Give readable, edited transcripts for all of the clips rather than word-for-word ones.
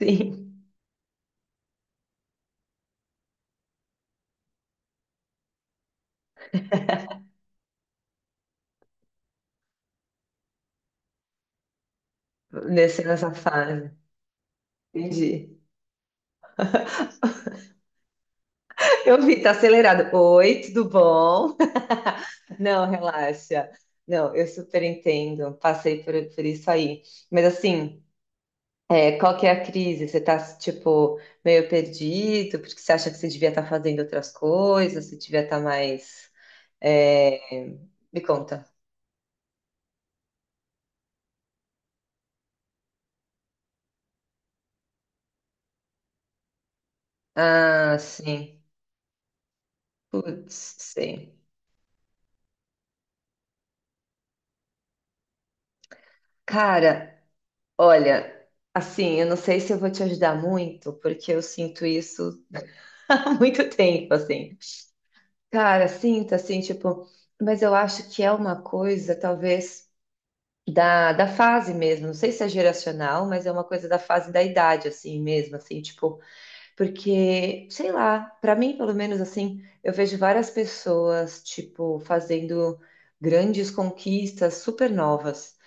Sim, nesse, nessa fase. Entendi. Eu vi, tá acelerado. Oi, tudo bom? Não, relaxa. Não, eu super entendo. Passei por isso aí. Mas assim, é, qual que é a crise? Você tá, tipo, meio perdido, porque você acha que você devia estar fazendo outras coisas, você devia estar mais. é, Me conta. Ah, sim. Putz, sim. Cara, olha, assim, eu não sei se eu vou te ajudar muito, porque eu sinto isso há muito tempo, assim. Cara, sinto assim, tipo, mas eu acho que é uma coisa, talvez, da fase mesmo. Não sei se é geracional, mas é uma coisa da fase da idade, assim mesmo, assim, tipo, porque, sei lá, pra mim, pelo menos, assim, eu vejo várias pessoas, tipo, fazendo grandes conquistas super novas.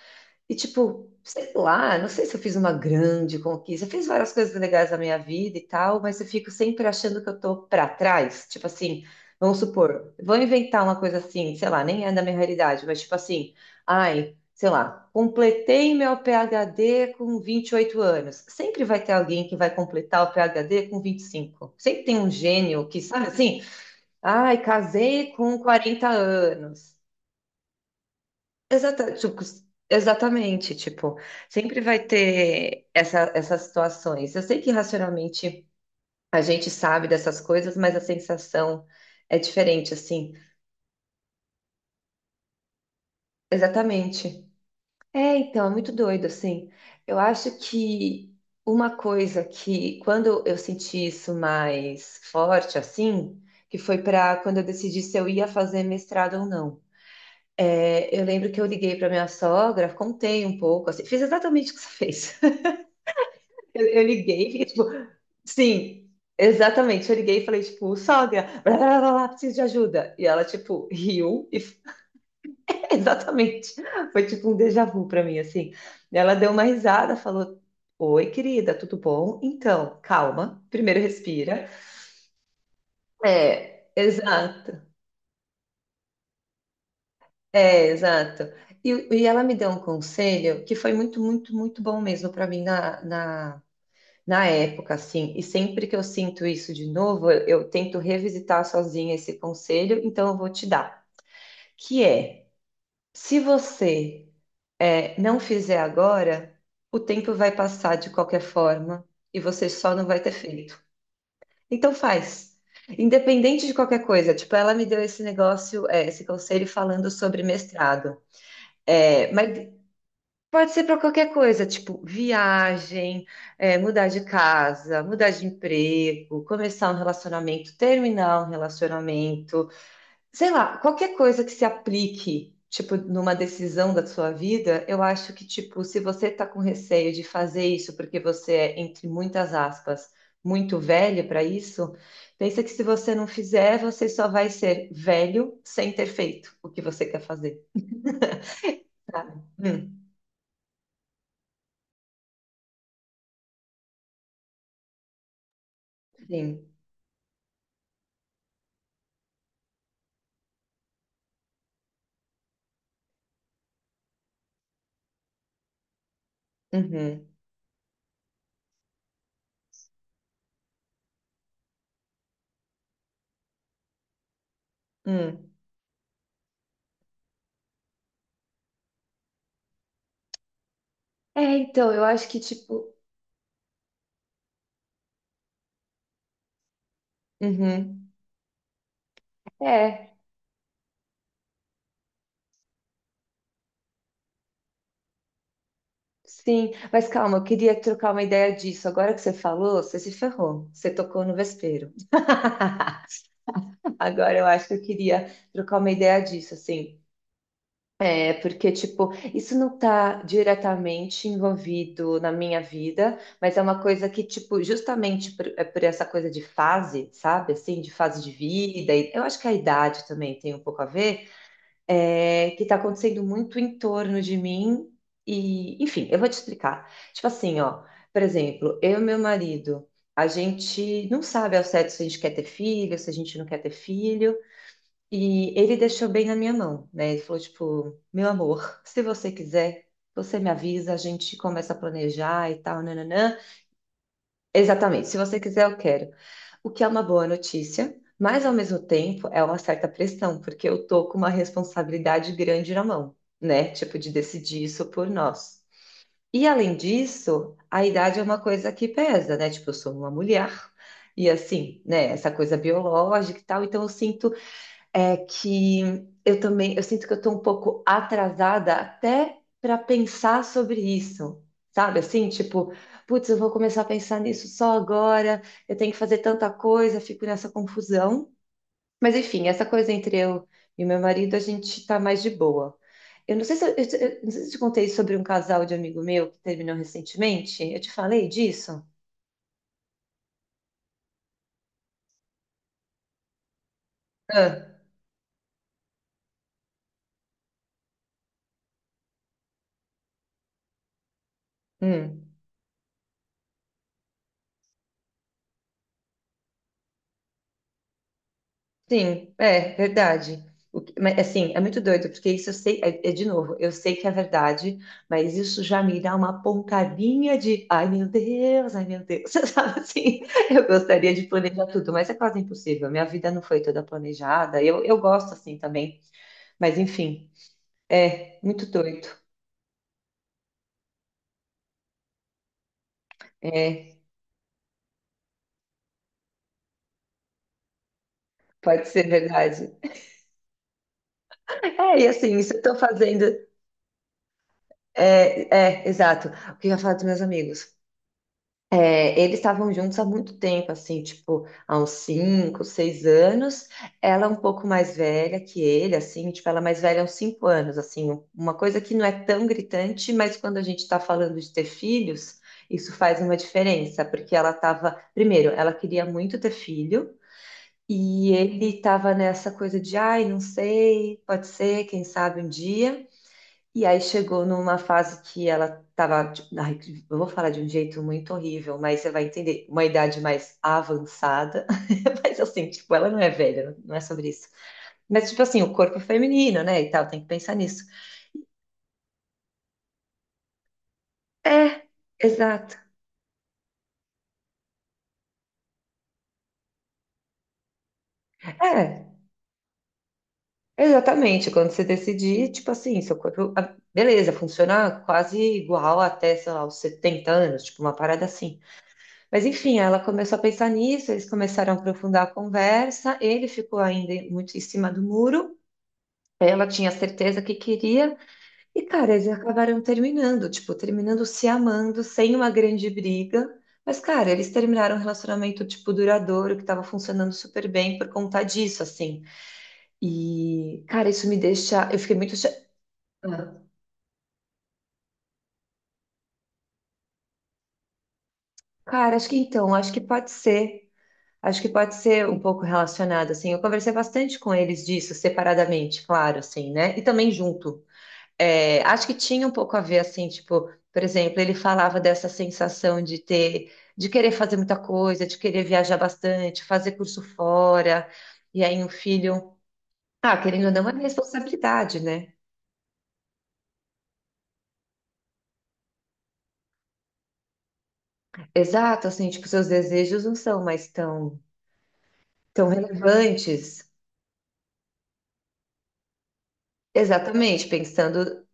E tipo, sei lá, não sei se eu fiz uma grande conquista, eu fiz várias coisas legais na minha vida e tal, mas eu fico sempre achando que eu tô pra trás. Tipo assim, vamos supor, vou inventar uma coisa assim, sei lá, nem é da minha realidade, mas tipo assim, ai, sei lá, completei meu PhD com 28 anos. Sempre vai ter alguém que vai completar o PhD com 25. Sempre tem um gênio que, sabe assim, ai, casei com 40 anos. Exata, tipo, exatamente, tipo, sempre vai ter essa, essas situações. Eu sei que racionalmente a gente sabe dessas coisas, mas a sensação é diferente, assim. Exatamente. É, então, é muito doido, assim. Eu acho que uma coisa que, quando eu senti isso mais forte, assim, que foi para quando eu decidi se eu ia fazer mestrado ou não. É, eu lembro que eu liguei para minha sogra, contei um pouco, assim, fiz exatamente o que você fez. Eu liguei, tipo, sim, exatamente. Eu liguei e falei, tipo, sogra, blá, blá, blá, blá, preciso de ajuda. E ela, tipo, riu e f- exatamente. Foi tipo um déjà vu pra mim, assim. E ela deu uma risada, falou: Oi, querida, tudo bom? Então, calma, primeiro respira. É, exato. É, exato. E, e ela me deu um conselho que foi muito, muito, muito bom mesmo pra mim na, na época, assim, e sempre que eu sinto isso de novo, eu tento revisitar sozinha esse conselho, então eu vou te dar, que é, se você não fizer agora, o tempo vai passar de qualquer forma e você só não vai ter feito. Então faz. Independente de qualquer coisa, tipo, ela me deu esse negócio, é, esse conselho falando sobre mestrado. É, mas pode ser para qualquer coisa, tipo viagem, é, mudar de casa, mudar de emprego, começar um relacionamento, terminar um relacionamento, sei lá, qualquer coisa que se aplique, tipo, numa decisão da sua vida, eu acho que, tipo, se você tá com receio de fazer isso porque você é, entre muitas aspas, muito velho para isso, pensa que se você não fizer, você só vai ser velho sem ter feito o que você quer fazer, sabe? Sim. Uhum. Hum. É, então, eu acho que, tipo. Uhum. É, sim. Mas calma, eu queria trocar uma ideia disso. Agora que você falou, você se ferrou. Você tocou no vespeiro. Agora eu acho que eu queria trocar uma ideia disso, assim. É, porque, tipo, isso não tá diretamente envolvido na minha vida, mas é uma coisa que, tipo, justamente por, é por essa coisa de fase, sabe? Assim, de fase de vida. Eu acho que a idade também tem um pouco a ver. É, que está acontecendo muito em torno de mim. E, enfim, eu vou te explicar. Tipo assim, ó, por exemplo, eu e meu marido, a gente não sabe ao certo se a gente quer ter filho, se a gente não quer ter filho, e ele deixou bem na minha mão, né? Ele falou, tipo, meu amor, se você quiser, você me avisa, a gente começa a planejar e tal, nananã. Exatamente. Se você quiser, eu quero. O que é uma boa notícia, mas ao mesmo tempo é uma certa pressão, porque eu tô com uma responsabilidade grande na mão, né? Tipo, de decidir isso por nós. E além disso, a idade é uma coisa que pesa, né? Tipo, eu sou uma mulher, e assim, né? Essa coisa biológica e tal, então eu sinto é que eu também, eu sinto que eu estou um pouco atrasada até para pensar sobre isso, sabe? Assim, tipo, putz, eu vou começar a pensar nisso só agora, eu tenho que fazer tanta coisa, fico nessa confusão. Mas enfim, essa coisa entre eu e meu marido, a gente tá mais de boa. Eu não sei se eu, eu não sei se eu te contei sobre um casal de amigo meu que terminou recentemente. Eu te falei disso? Ah, hum. Sim, é verdade. O que- mas, assim, é muito doido, porque isso eu sei, é, é de novo, eu sei que é verdade, mas isso já me dá uma pontadinha de, ai meu Deus, sabe assim? Eu gostaria de planejar tudo, mas é quase impossível. Minha vida não foi toda planejada. Eu gosto assim também, mas enfim, é muito doido. É, pode ser verdade. É, e assim, isso eu tô fazendo. É, é, exato. O que eu ia falar dos meus amigos? É, eles estavam juntos há muito tempo, assim, tipo, há uns 5, 6 anos. Ela é um pouco mais velha que ele, assim, tipo, ela é mais velha uns 5 anos, assim, um- uma coisa que não é tão gritante, mas quando a gente está falando de ter filhos, isso faz uma diferença, porque ela estava, primeiro, ela queria muito ter filho, e ele estava nessa coisa de, ai, não sei, pode ser, quem sabe um dia. E aí chegou numa fase que ela estava. Eu vou falar de um jeito muito horrível, mas você vai entender, uma idade mais avançada, mas assim, tipo, ela não é velha, não é sobre isso. Mas tipo assim, o corpo feminino, né, e tal, tem que pensar nisso. É, exato. É, exatamente, quando você decidir, tipo assim, seu corpo, ah, beleza, funciona quase igual até, sei lá, os 70 anos, tipo, uma parada assim. Mas enfim, ela começou a pensar nisso, eles começaram a aprofundar a conversa, ele ficou ainda muito em cima do muro, ela tinha certeza que queria, e cara, eles acabaram terminando, tipo, terminando se amando, sem uma grande briga. Mas, cara, eles terminaram um relacionamento, tipo, duradouro, que estava funcionando super bem por conta disso, assim. E, cara, isso me deixa. Eu fiquei muito. Cha- Ah. Cara, acho que então, acho que pode ser. Acho que pode ser um pouco relacionado, assim. Eu conversei bastante com eles disso, separadamente, claro, assim, né? E também junto. É, acho que tinha um pouco a ver, assim, tipo, por exemplo, ele falava dessa sensação de ter, de querer fazer muita coisa, de querer viajar bastante, fazer curso fora, e aí um filho. Ah, querendo ou não, é responsabilidade, né? Exato, assim, tipo, seus desejos não são mais tão, tão relevantes. Exatamente, pensando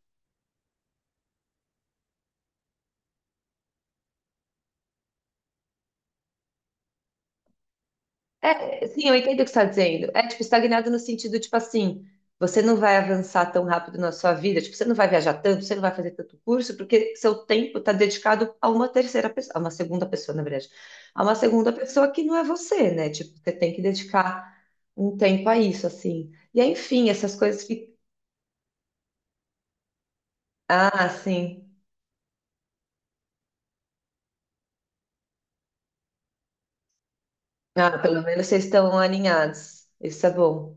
É, sim, eu entendo o que você está dizendo. É, tipo, estagnado no sentido, tipo assim, você não vai avançar tão rápido na sua vida, tipo, você não vai viajar tanto, você não vai fazer tanto curso, porque seu tempo está dedicado a uma terceira pessoa, a uma segunda pessoa, na verdade, a uma segunda pessoa que não é você, né? Tipo, você tem que dedicar um tempo a isso, assim. E aí, enfim, essas coisas ficam... Ah, sim. Ah, pelo menos vocês estão alinhados. Isso é bom.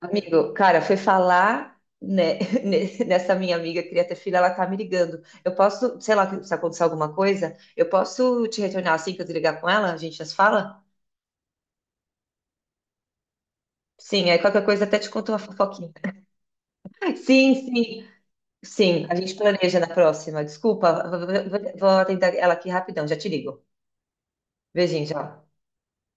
Amigo, cara, foi falar, né, ne- nessa minha amiga que queria ter filho, ela tá me ligando. Eu posso, sei lá, se acontecer alguma coisa, eu posso te retornar assim que eu desligar com ela? A gente já se fala? Sim, aí qualquer coisa até te conto uma fofoquinha. Sim, sim, sim, a gente planeja na próxima. Desculpa, vou atender ela aqui rapidão, já te ligo. Beijinho, tchau.